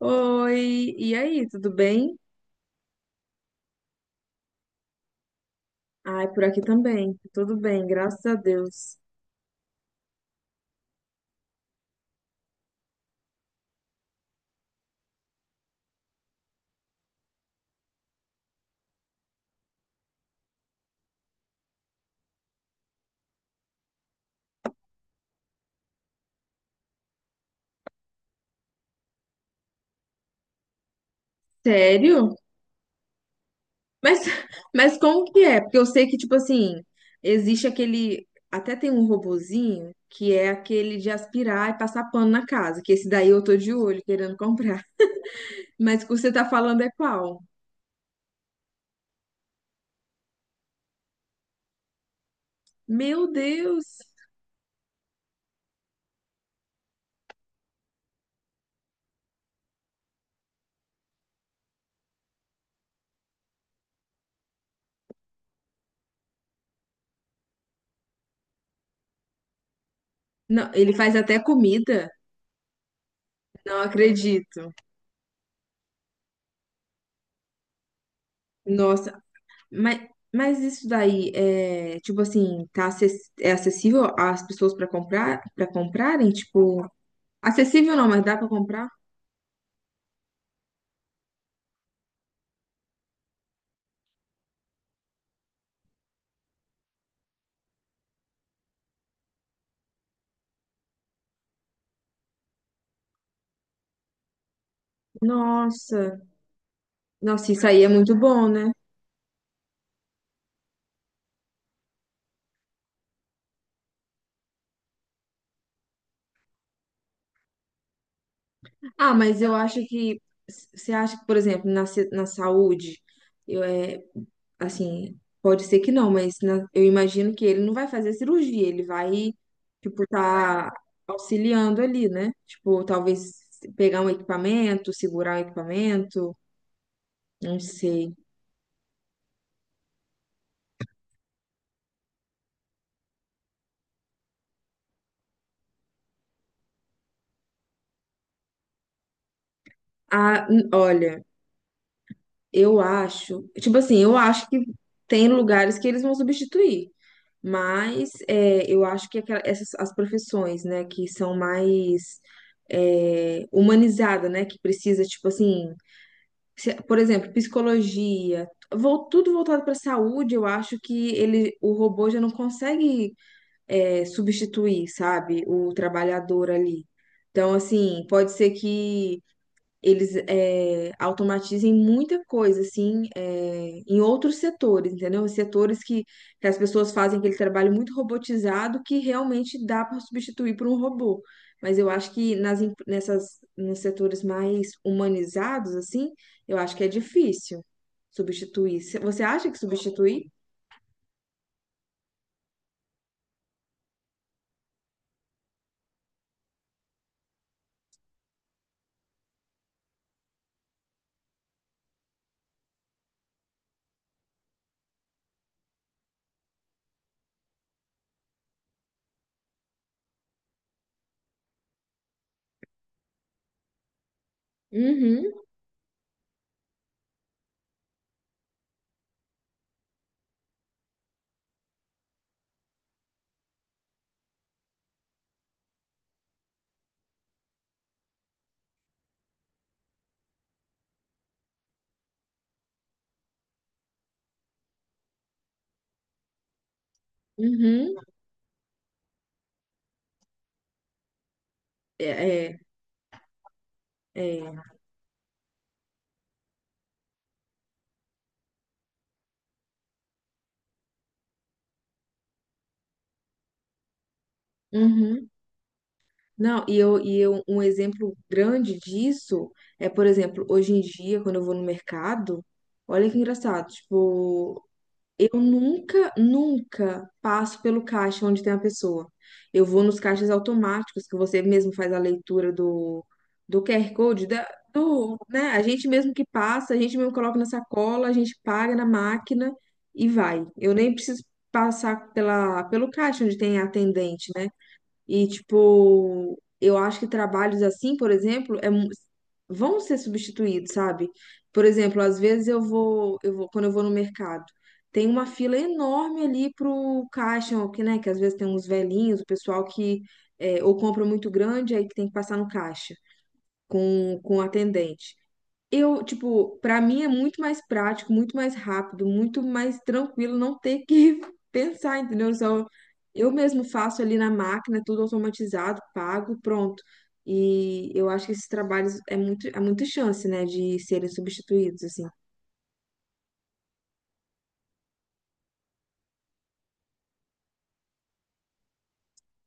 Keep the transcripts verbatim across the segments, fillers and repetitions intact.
Oi, e aí, tudo bem? Ai, por aqui também, tudo bem, graças a Deus. Sério? Mas, mas como que é? Porque eu sei que, tipo assim, existe aquele, até tem um robozinho que é aquele de aspirar e passar pano na casa, que esse daí eu tô de olho querendo comprar. Mas o que você tá falando é qual? Meu Deus! Não, ele faz até comida? Não acredito. Nossa, Mas, mas isso daí é, tipo assim, tá acess- é acessível às pessoas para comprar, para comprarem, tipo, acessível não, mas dá para comprar? Nossa, nossa, isso aí é muito bom, né? Ah, mas eu acho que você acha que, por exemplo, na, se- na saúde, eu é assim, pode ser que não, mas na- eu imagino que ele não vai fazer cirurgia, ele vai tipo tá auxiliando ali, né? Tipo, talvez pegar um equipamento, segurar um equipamento, não sei. Ah, n- olha, eu acho, tipo assim, eu acho que tem lugares que eles vão substituir, mas é, eu acho que aquela- essas as profissões, né, que são mais é, humanizadas, né, que precisa, tipo assim, se- por exemplo, psicologia, vol- tudo voltado para saúde, eu acho que ele, o robô já não consegue é, substituir, sabe, o trabalhador ali. Então, assim, pode ser que eles é, automatizem muita coisa, assim, é, em outros setores, entendeu? Em setores que, que as pessoas fazem aquele trabalho muito robotizado que realmente dá para substituir por um robô. Mas eu acho que nas, em- nessas, nos setores mais humanizados, assim, eu acho que é difícil substituir. Você acha que substituir? Uhum, uhum, é, é, é, uhum. Não, e eu, e eu, um exemplo grande disso é, por exemplo, hoje em dia, quando eu vou no mercado, olha que engraçado, tipo, eu nunca, nunca passo pelo caixa onde tem a pessoa. Eu vou nos caixas automáticos, que você mesmo faz a leitura do, do Q R Code, da, do, né? A gente mesmo que passa, a gente mesmo coloca na sacola, a gente paga na máquina e vai. Eu nem preciso passar pela, pelo caixa onde tem a atendente, né? E, tipo, eu acho que trabalhos assim, por exemplo, é mu- vão ser substituídos, sabe? Por exemplo, às vezes eu vou, eu vou, quando eu vou no mercado, tem uma fila enorme ali pro caixa, que, né, que às vezes tem uns velhinhos, o pessoal que é, ou compra muito grande, aí que tem que passar no caixa com, com o atendente. Eu, tipo, pra mim é muito mais prático, muito mais rápido, muito mais tranquilo não ter que pensar, entendeu? Só eu mesmo faço ali na máquina, tudo automatizado, pago, pronto. E eu acho que esses trabalhos é muito, há muita chance, né, de serem substituídos, assim.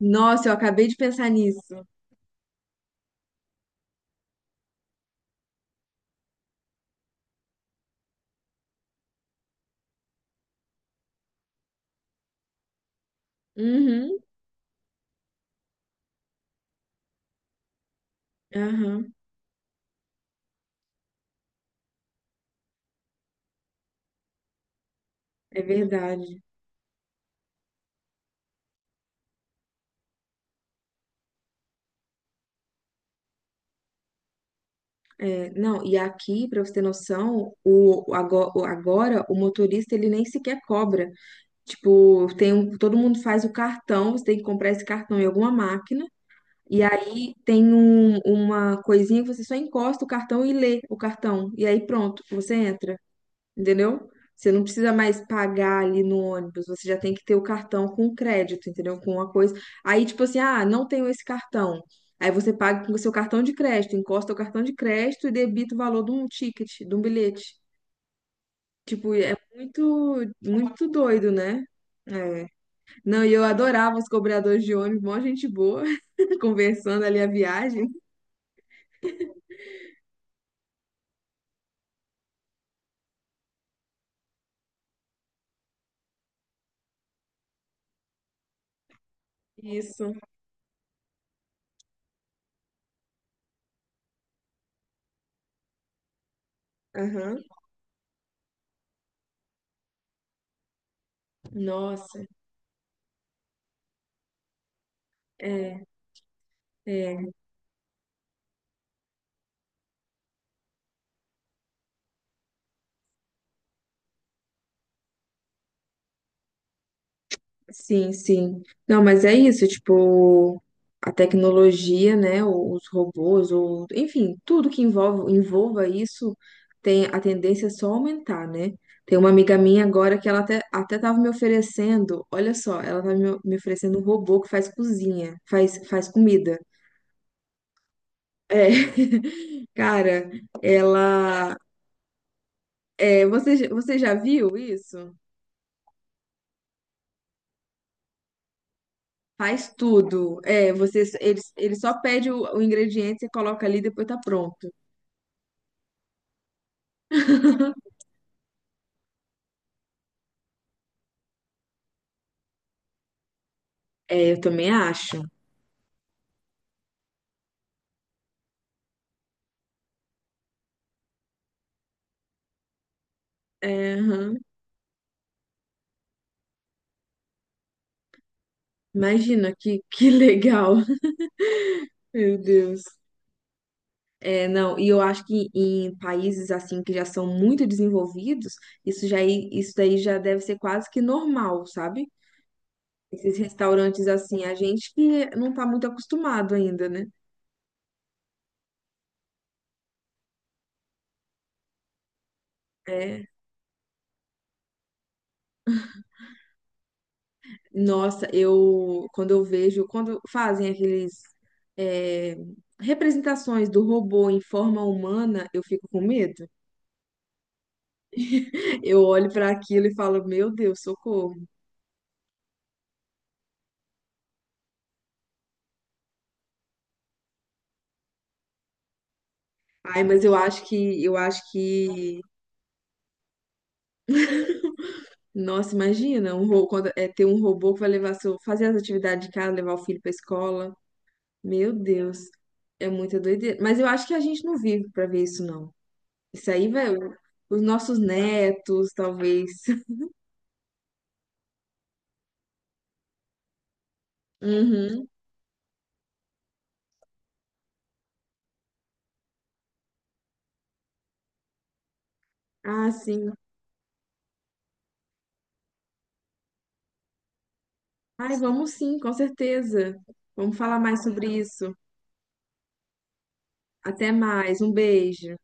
Nossa, eu acabei de pensar nisso. Uhum, aham, é verdade. É, não, e aqui, pra você ter noção, o, o ago- o- agora o motorista ele nem sequer cobra. Tipo, tem um, todo mundo faz o cartão, você tem que comprar esse cartão em alguma máquina. E aí tem um- uma coisinha que você só encosta o cartão e lê o cartão. E aí pronto, você entra, entendeu? Você não precisa mais pagar ali no ônibus, você já tem que ter o cartão com crédito, entendeu? Com uma coisa. Aí, tipo assim, ah, não tenho esse cartão. Aí você paga com o seu cartão de crédito, encosta o cartão de crédito e debita o valor de um ticket, de um bilhete. Tipo, é muito, muito doido, né? É. Não, e eu adorava os cobradores de ônibus, mó gente boa, conversando ali a viagem. Isso. Aham. Nossa. É, é. Sim, sim. Não, mas é isso, tipo, a tecnologia, né, o- os robôs, o, enfim, tudo que envolve, envolva isso tem a tendência é só aumentar, né? Tem uma amiga minha agora que ela até, até tava me oferecendo, olha só, ela tava me, me oferecendo um robô que faz cozinha, faz, faz comida. É, cara, ela. É, você, j- você já viu isso? Faz tudo. É, você, ele, ele só pede o, o ingrediente, você coloca ali e depois tá pronto. É, eu também acho. É, aham. Imagina que, que legal. Meu Deus. É, não, e eu acho que em países assim que já são muito desenvolvidos, isso já, i- isso daí já deve ser quase que normal, sabe? Esses restaurantes assim, a gente que não tá muito acostumado ainda, né? É. Nossa, eu quando eu vejo, quando fazem aqueles é, representações do robô em forma humana, eu fico com medo. Eu olho para aquilo e falo, meu Deus, socorro. Ai, mas eu acho que eu acho que nossa, imagina, um ro- quando é ter um robô que vai levar seu, fazer as atividades de casa, levar o filho para escola. Meu Deus, é muita doideira. Mas eu acho que a gente não vive para ver isso, não. Isso aí vai os nossos netos, talvez. Uhum. Ah, sim. Ai, vamos sim, com certeza. Vamos falar mais sobre isso. Até mais, um beijo.